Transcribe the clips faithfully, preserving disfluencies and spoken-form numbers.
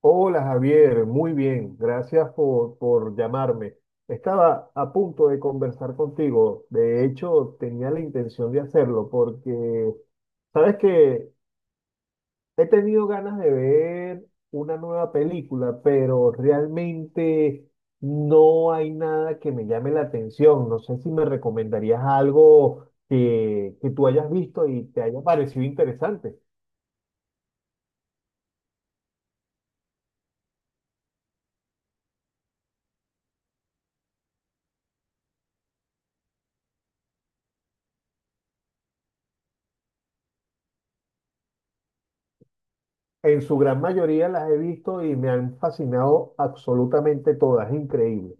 Hola Javier, muy bien, gracias por, por llamarme. Estaba a punto de conversar contigo. De hecho tenía la intención de hacerlo porque, sabes que he tenido ganas de ver una nueva película, pero realmente no hay nada que me llame la atención. No sé si me recomendarías algo que, que tú hayas visto y te haya parecido interesante. En su gran mayoría las he visto y me han fascinado absolutamente todas, es increíble.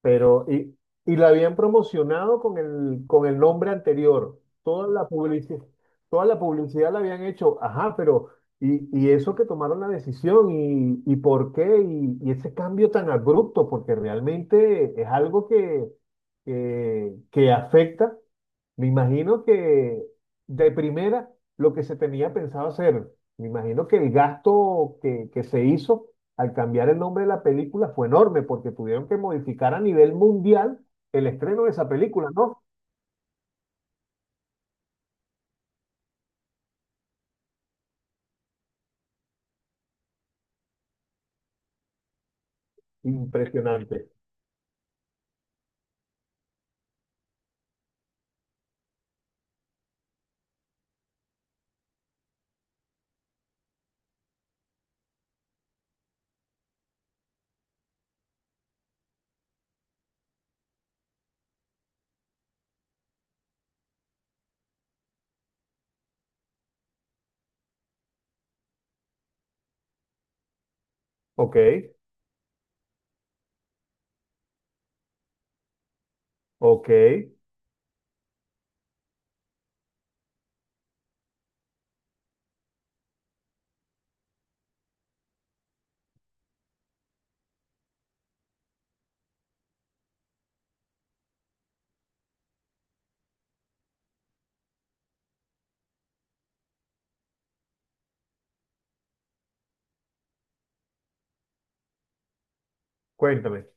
Pero, y, y la habían promocionado con el, con el nombre anterior. Toda la publicidad, toda la publicidad la habían hecho. Ajá, pero, y, y eso que tomaron la decisión, y, ¿y por qué? Y, y ese cambio tan abrupto, porque realmente es algo que, que, que afecta. Me imagino que de primera lo que se tenía pensado hacer. Me imagino que el gasto que, que se hizo al cambiar el nombre de la película fue enorme porque tuvieron que modificar a nivel mundial el estreno de esa película, ¿no? Impresionante. Ok, ok. Cuéntame.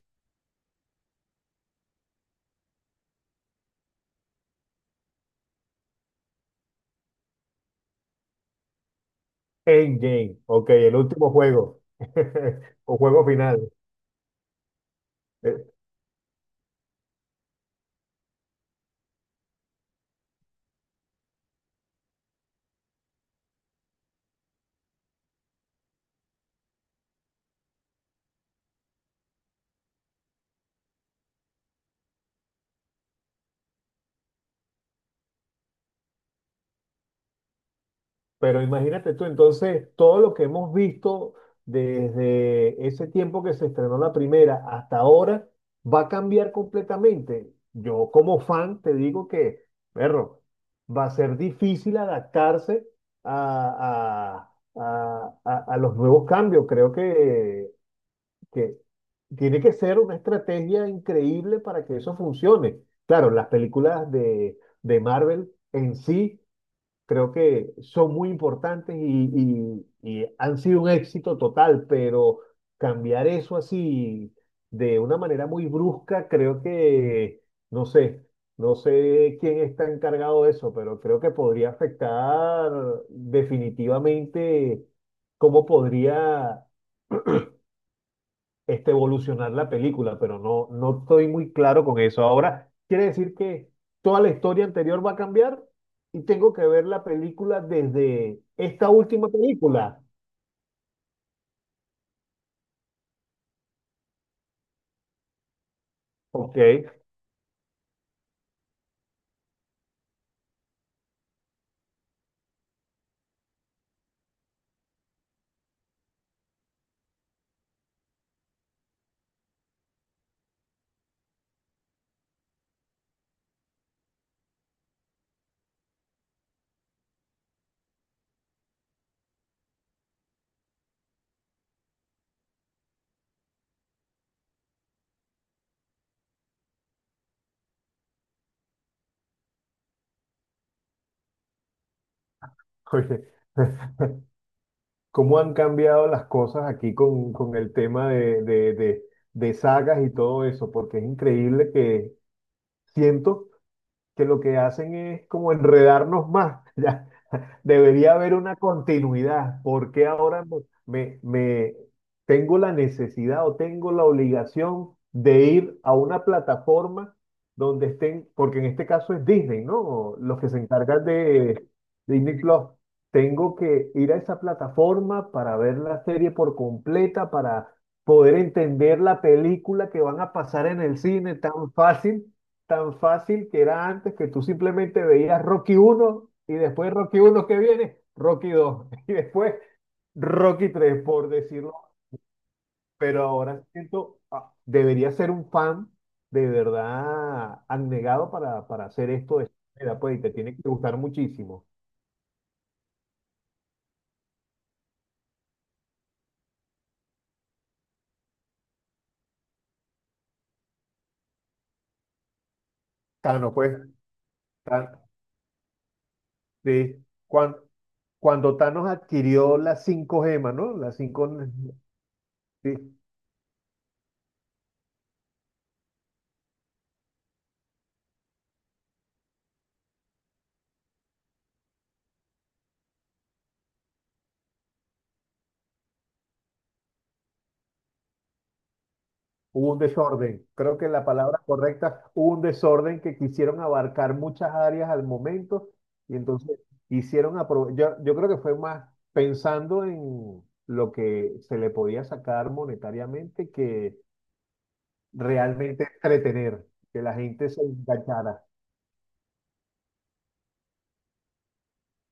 Endgame. Ok, el último juego. O juego final. Eh, Pero imagínate tú, entonces, todo lo que hemos visto desde ese tiempo que se estrenó la primera hasta ahora va a cambiar completamente. Yo como fan te digo que, perro, va a ser difícil adaptarse a, a- a- a- a los nuevos cambios. Creo que, que tiene que ser una estrategia increíble para que eso funcione. Claro, las películas de, de Marvel en sí creo que son muy importantes y, y- y han sido un éxito total, pero cambiar eso así de una manera muy brusca, creo que, no sé, no sé quién está encargado de eso, pero creo que podría afectar definitivamente cómo podría este, evolucionar la película, pero no, no estoy muy claro con eso. Ahora, quiere decir que toda la historia anterior va a cambiar y tengo que ver la película desde esta última película. Ok, Oye, ¿cómo han cambiado las cosas aquí con, con el tema de, de, de- de sagas y todo eso? Porque es increíble que siento que lo que hacen es como enredarnos más. Ya, debería haber una continuidad. Porque ahora me, me- me- tengo la necesidad o tengo la obligación de ir a una plataforma donde estén, porque en este caso es Disney, ¿no? Los que se encargan de Disney Plus. Tengo que ir a esa plataforma para ver la serie por completa, para poder entender la película que van a pasar en el cine tan fácil, tan fácil que era antes, que tú simplemente veías Rocky uno y después Rocky uno que viene, Rocky dos y después Rocky tres, por decirlo. Pero ahora siento, ah, debería ser un fan de verdad abnegado para, para hacer esto de esta manera, pues, y te tiene que gustar muchísimo. Thanos, pues, Thanos, sí. Cuan- Cuando Thanos adquirió las cinco gemas, ¿no? Las cinco, sí. Hubo un desorden. Creo que la palabra correcta, hubo un desorden, que quisieron abarcar muchas áreas al momento y entonces hicieron apro- Yo, yo creo que fue más pensando en lo que se le podía sacar monetariamente que realmente entretener, que la gente se enganchara.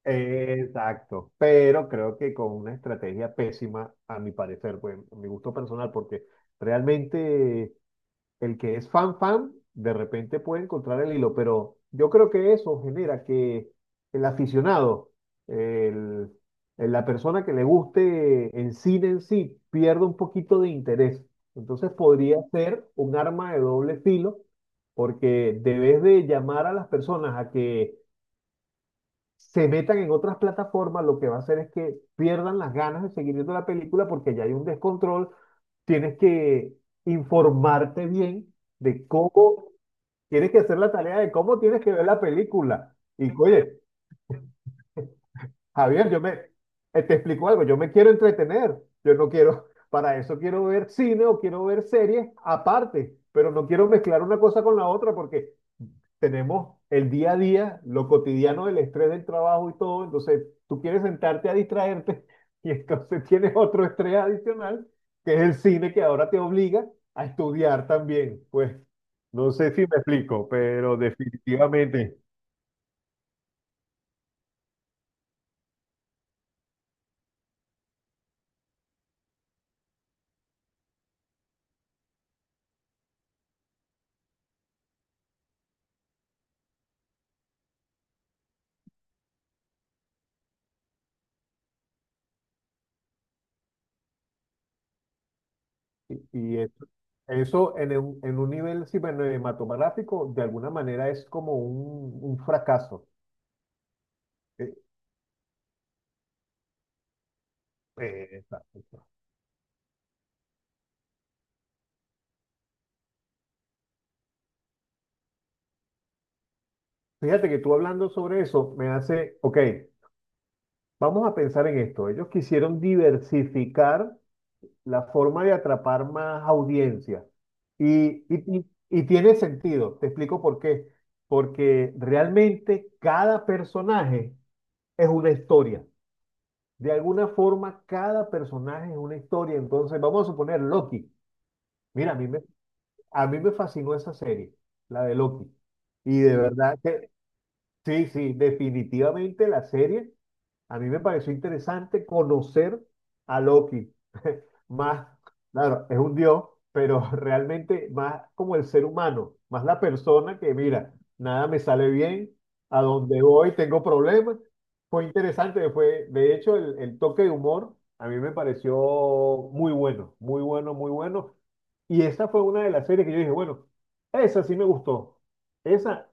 Exacto, pero creo que con una estrategia pésima, a mi parecer, pues, a mi gusto personal, porque realmente el que es fan fan, de repente puede encontrar el hilo, pero yo creo que eso genera que el aficionado, el- el- la persona que le guste en cine en sí, pierda un poquito de interés. Entonces podría ser un arma de doble filo, porque debes de llamar a las personas a que se metan en otras plataformas. Lo que va a hacer es que pierdan las ganas de seguir viendo la película porque ya hay un descontrol. Tienes que informarte bien de cómo, tienes que hacer la tarea, de cómo tienes que ver la película. Y oye, Javier, yo me, eh, te explico algo, yo me quiero entretener, yo no quiero, para eso quiero ver cine o quiero ver series aparte, pero no quiero mezclar una cosa con la otra porque tenemos el día a día, lo cotidiano, el estrés del trabajo y todo, entonces tú quieres sentarte a distraerte y entonces tienes otro estrés adicional, que es el cine que ahora te obliga a estudiar también, pues no sé si me explico, pero definitivamente. Y, y eso, eso en un, en un nivel sí, bueno, cinematográfico, de alguna manera es como un, un fracaso. Eh, eh, exacto, exacto. Fíjate que tú hablando sobre eso me hace, ok, vamos a pensar en esto. Ellos quisieron diversificar la forma de atrapar más audiencia. Y, y, y y tiene sentido, te explico por qué. Porque realmente cada personaje es una historia. De alguna forma, cada personaje es una historia. Entonces, vamos a suponer Loki. Mira, a mí me, a mí me fascinó esa serie, la de Loki. Y de verdad que sí, sí, definitivamente la serie a mí me pareció interesante conocer a Loki. Más, claro, es un dios, pero realmente más como el ser humano, más la persona que, mira, nada me sale bien, a donde voy tengo problemas. Fue interesante, fue, de hecho, el, el toque de humor a mí me pareció muy bueno, muy bueno, muy bueno. Y esa fue una de las series que yo dije, bueno, esa sí me gustó. Esa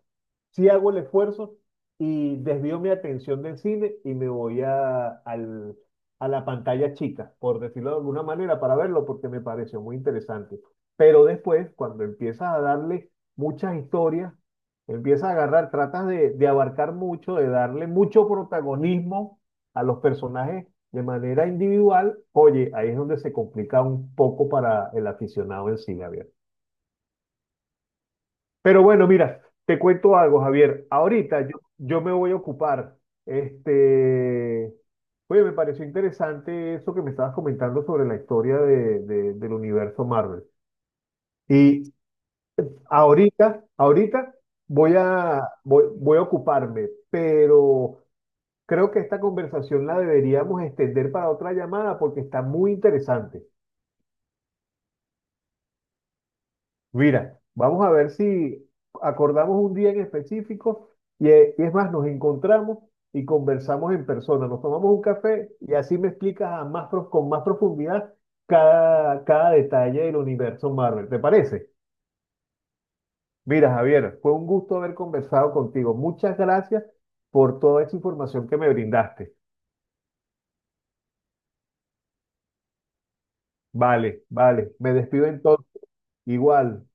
sí hago el esfuerzo y desvío mi atención del cine y me voy a, al- a la pantalla chica, por decirlo de alguna manera, para verlo porque me pareció muy interesante. Pero después, cuando empiezas a darle muchas historias, empiezas a agarrar, tratas de, de abarcar mucho, de darle mucho protagonismo a los personajes de manera individual, oye, ahí es donde se complica un poco para el aficionado en sí, Gabriel. Pero bueno, mira, te cuento algo, Javier. Ahorita yo, yo me voy a ocupar. Este, oye, me pareció interesante eso que me estabas comentando sobre la historia de- de- del universo Marvel. Y ahorita, ahorita voy a, voy, voy a ocuparme, pero creo que esta conversación la deberíamos extender para otra llamada porque está muy interesante. Mira, vamos a ver si acordamos un día en específico y, eh, y es más, nos encontramos y conversamos en persona, nos tomamos un café y así me explicas a más, pro- con más profundidad cada, cada detalle del universo Marvel. ¿Te parece? Mira, Javier, fue un gusto haber conversado contigo. Muchas gracias por toda esa información que me brindaste. Vale, vale, me despido entonces. Igual.